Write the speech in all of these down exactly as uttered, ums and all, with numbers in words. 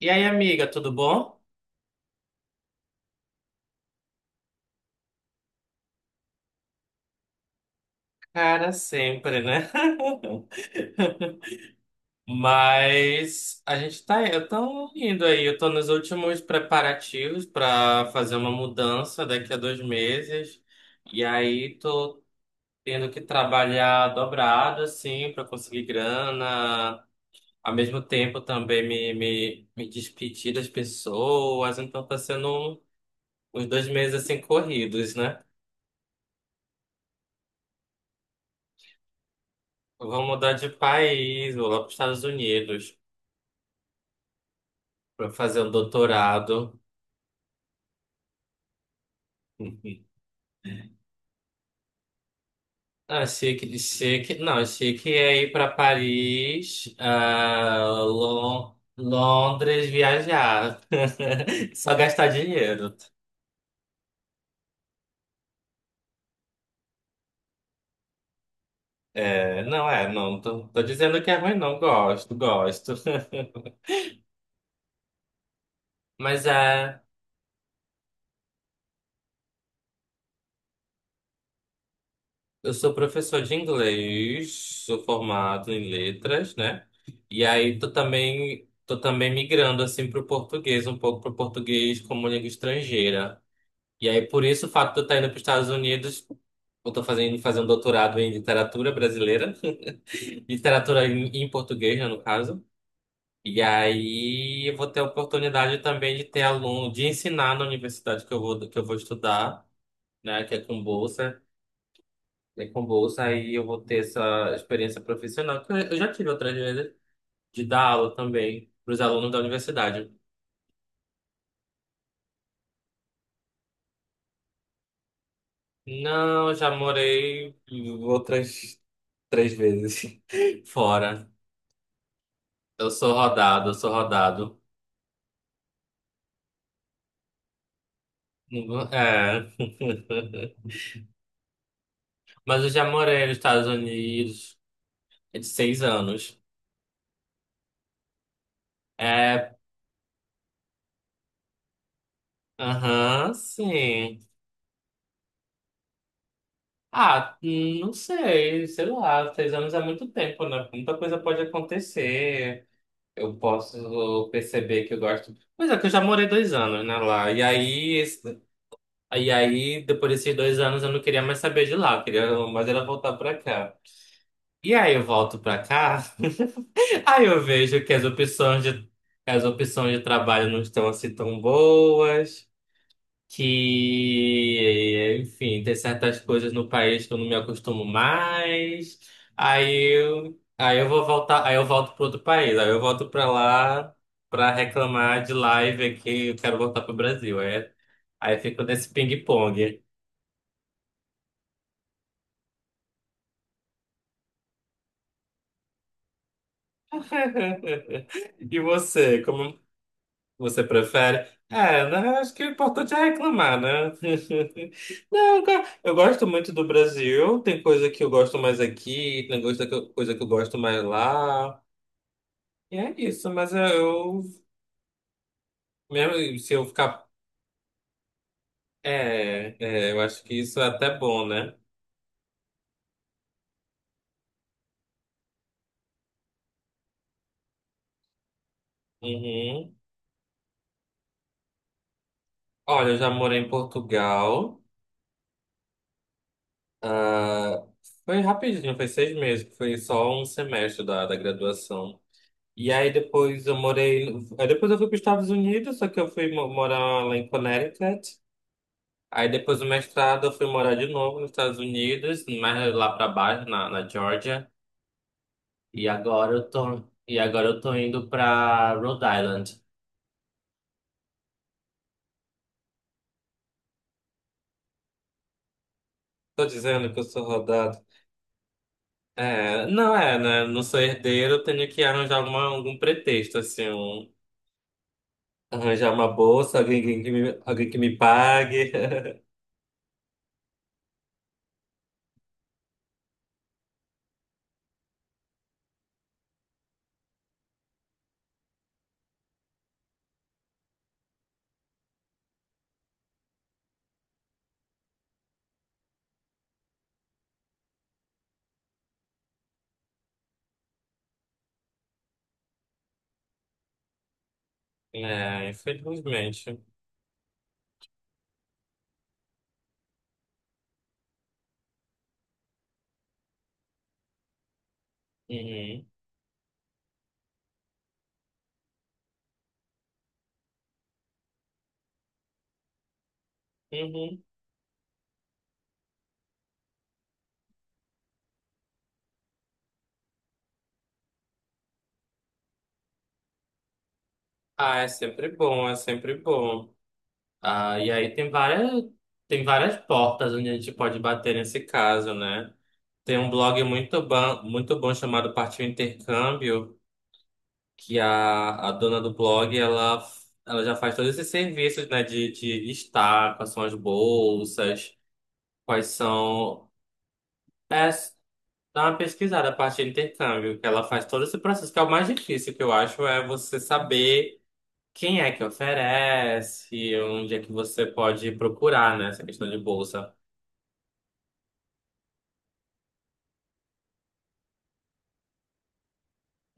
E aí, amiga, tudo bom? Cara, sempre, né? Mas a gente tá, eu tô indo aí, eu tô nos últimos preparativos para fazer uma mudança daqui a dois meses. E aí tô tendo que trabalhar dobrado, assim, para conseguir grana. Ao mesmo tempo também me, me, me despedir das pessoas. Então tá sendo uns dois meses assim corridos, né? Eu vou mudar de país, vou lá para os Estados Unidos para fazer um doutorado. Ah, achei que de chique. Não, achei é ir para Paris, ah, Lon- Londres, viajar. Só gastar dinheiro. É, não é, não tô, tô dizendo que é ruim, não. Gosto, gosto. Mas é, eu sou professor de inglês, sou formado em letras, né? E aí tô também, tô também migrando assim para o português, um pouco para o português como língua estrangeira. E aí, por isso, o fato de eu estar indo para os Estados Unidos, eu estou fazendo, fazer um doutorado em literatura brasileira, literatura em, em português, né, no caso. E aí, eu vou ter a oportunidade também de ter aluno, de ensinar na universidade que eu vou, que eu vou estudar, né, que é com bolsa. É com bolsa, aí eu vou ter essa experiência profissional, que eu eu já tive outras vezes, de dar aula também para os alunos da universidade. Não, eu já morei outras três vezes fora. Eu sou rodado, eu sou rodado. É. Mas eu já morei nos Estados Unidos, é de seis anos. É, aham, sim. Ah, hum, não sei, sei lá, seis anos é muito tempo, né? Muita coisa pode acontecer. Eu posso perceber que eu gosto. Pois é, que eu já morei dois anos, né, lá. E aí, esse- e aí, depois desses dois anos, eu não queria mais saber de lá, eu queria mais era voltar pra cá. E aí eu volto pra cá. Aí eu vejo que as opções de, as opções de trabalho não estão assim tão boas, que, enfim, tem certas coisas no país que eu não me acostumo mais. Aí eu, aí eu vou voltar, aí eu volto para outro país, aí eu volto para lá para reclamar de lá e ver que eu quero voltar para o Brasil. Aí, aí fico nesse ping-pong. E você, como Você prefere? É, né, acho que o importante é reclamar, né? Não, eu go- eu gosto muito do Brasil. Tem coisa que eu gosto mais aqui, tem coisa que eu, coisa que eu gosto mais lá. E é isso, mas eu, eu- mesmo se eu ficar. É, é, eu acho que isso é até bom, né? Uhum. Olha, eu já morei em Portugal. Ah, foi rapidinho, foi seis meses, foi só um semestre da, da graduação. E aí depois eu morei. No- Aí depois eu fui para os Estados Unidos, só que eu fui mo- morar lá em Connecticut. Aí depois do mestrado eu fui morar de novo nos Estados Unidos, mais lá para baixo, na, na Georgia. E agora eu tô, e agora eu tô indo para Rhode Island. Tô dizendo que eu sou rodado. É, não é, né? Não sou herdeiro, eu tenho que arranjar alguma, algum pretexto, assim, um- arranjar uma bolsa, alguém, que que me, alguém que me pague. É, infelizmente. Uhum. Uhum. Ah, é sempre bom, é sempre bom. Ah, e aí tem várias, tem várias portas onde a gente pode bater nesse caso, né? Tem um blog muito bom, muito bom chamado Partiu Intercâmbio, que a, a dona do blog, ela, ela já faz todos esses serviços, né? De, de listar quais são as bolsas, quais são... É, dá uma pesquisada, Partiu Intercâmbio, que ela faz todo esse processo, que é o mais difícil, que eu acho, é você saber quem é que oferece. Onde é que você pode procurar, né? Essa questão de bolsa.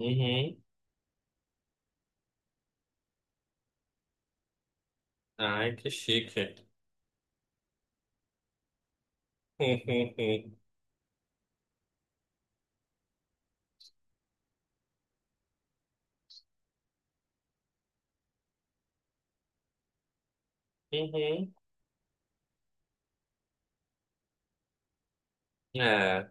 Uhum. Ai, que chique. Uhum. É,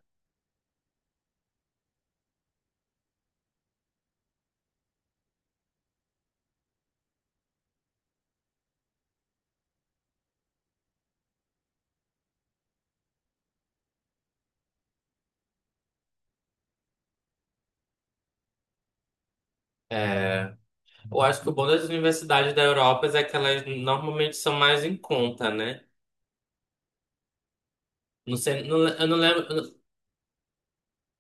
é. Eu acho que o bom das universidades da Europa é que elas normalmente são mais em conta, né? Não sei, não le- eu não lembro, eu não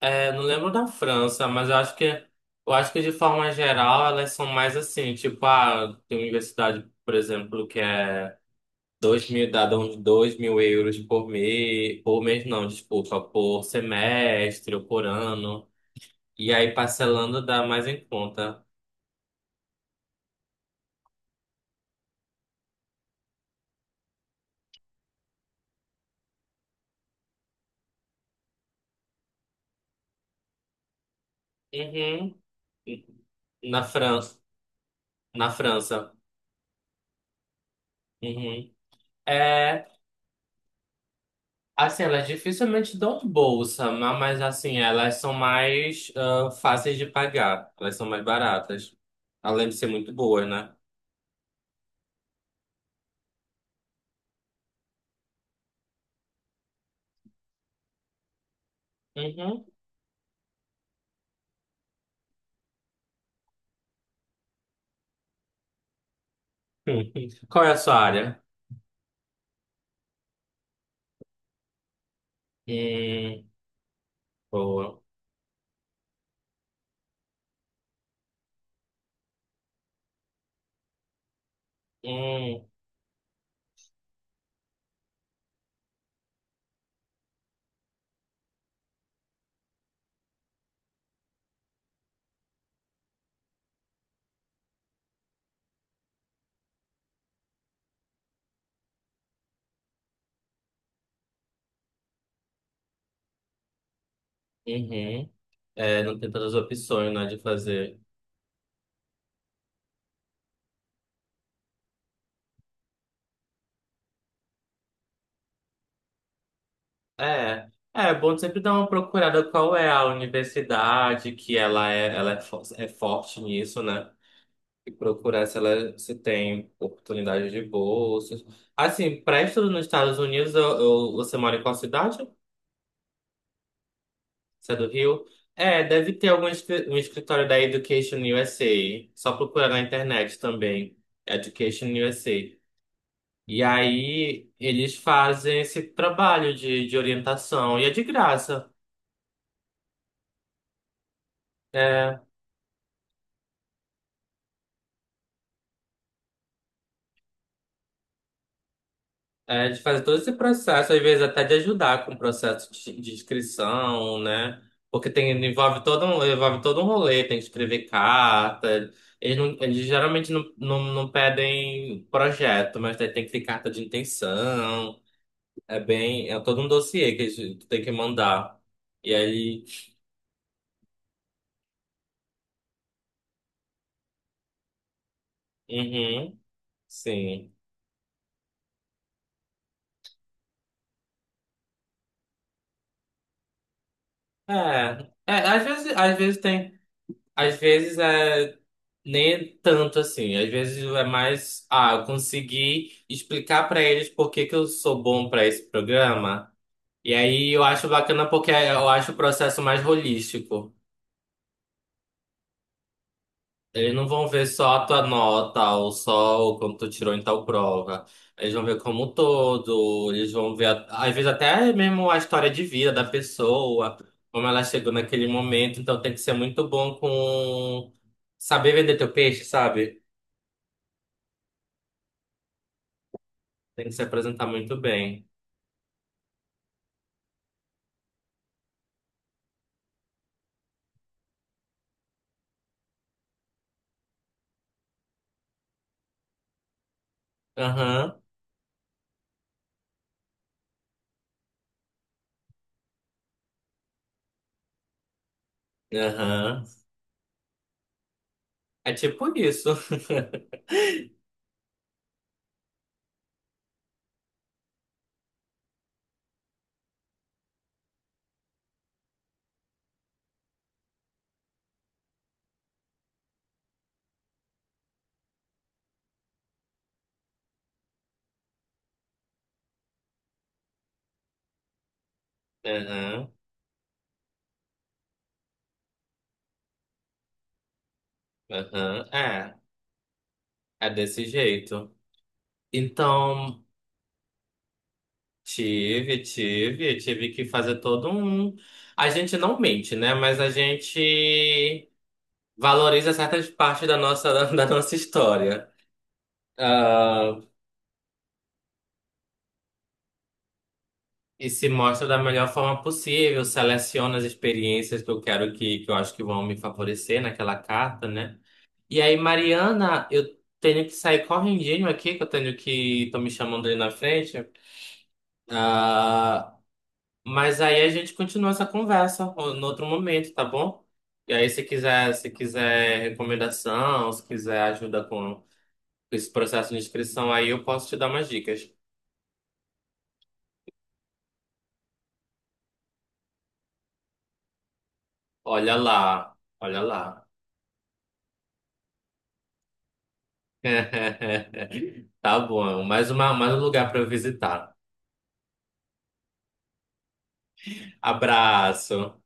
é, não lembro da França, mas eu acho que eu acho que de forma geral elas são mais assim, tipo, ah, tem universidade, por exemplo, que é Dois mil, dá uns dois mil euros por mês, por mês não, desculpa, por semestre ou por ano. E aí parcelando dá mais em conta. Uhum. Na França. Na França. Uhum. É, assim, elas dificilmente dão bolsa, ma- mas assim, elas são mais ah, fáceis de pagar. Elas são mais baratas. Além de ser muito boas, né? Uhum. Qual é a sua área? Hum, boa. Hum, uhum. É, não tem tantas opções, né, de fazer. É, é é bom sempre dar uma procurada qual é a universidade que ela é, ela é, fo- é forte nisso, né? E procurar se ela se tem oportunidade de bolsas. Assim, para estudo nos Estados Unidos, eu, eu- você mora em qual cidade? Você é do Rio? É, deve ter algum escri- um escritório da Education U S A. Só procurar na internet também. Education U S A. E aí eles fazem esse trabalho de, de orientação e é de graça. É, é de fazer todo esse processo, às vezes até de ajudar com o processo de, de inscrição, né? Porque tem, envolve todo um, envolve todo um rolê, tem que escrever carta. Eles, não, eles geralmente não, não, não pedem projeto, mas tem, tem que ter carta de intenção. É bem, é todo um dossiê que eles- que tem que mandar. E aí, uhum, sim. É, é, às vezes, às vezes tem, às vezes é nem tanto assim, às vezes é mais, ah, eu consegui explicar pra eles por que que eu sou bom pra esse programa, e aí eu acho bacana porque eu acho o processo mais holístico. Eles não vão ver só a tua nota ou só o quanto tu tirou em tal prova. Eles vão ver como um todo, eles vão ver, a- às vezes, até mesmo a história de vida da pessoa, como ela chegou naquele momento. Então tem que ser muito bom com saber vender teu peixe, sabe? Tem que se apresentar muito bem. Aham, aham. É tipo isso. Aham, aham. É, é desse jeito. Então. Tive, tive, tive que fazer todo um. A gente não mente, né? Mas a gente valoriza certas partes da nossa, da nossa história. Ah, e se mostra da melhor forma possível, seleciona as experiências que eu quero que, que eu acho que vão me favorecer naquela carta, né? E aí, Mariana, eu tenho que sair correndinho aqui, que eu tenho que. Estão me chamando ali na frente. Ah, mas aí a gente continua essa conversa ó, no outro momento, tá bom? E aí se quiser, se quiser recomendação, se quiser ajuda com esse processo de inscrição, aí eu posso te dar umas dicas. Olha lá, olha lá. Tá bom, mais uma, mais um lugar para eu visitar. Abraço.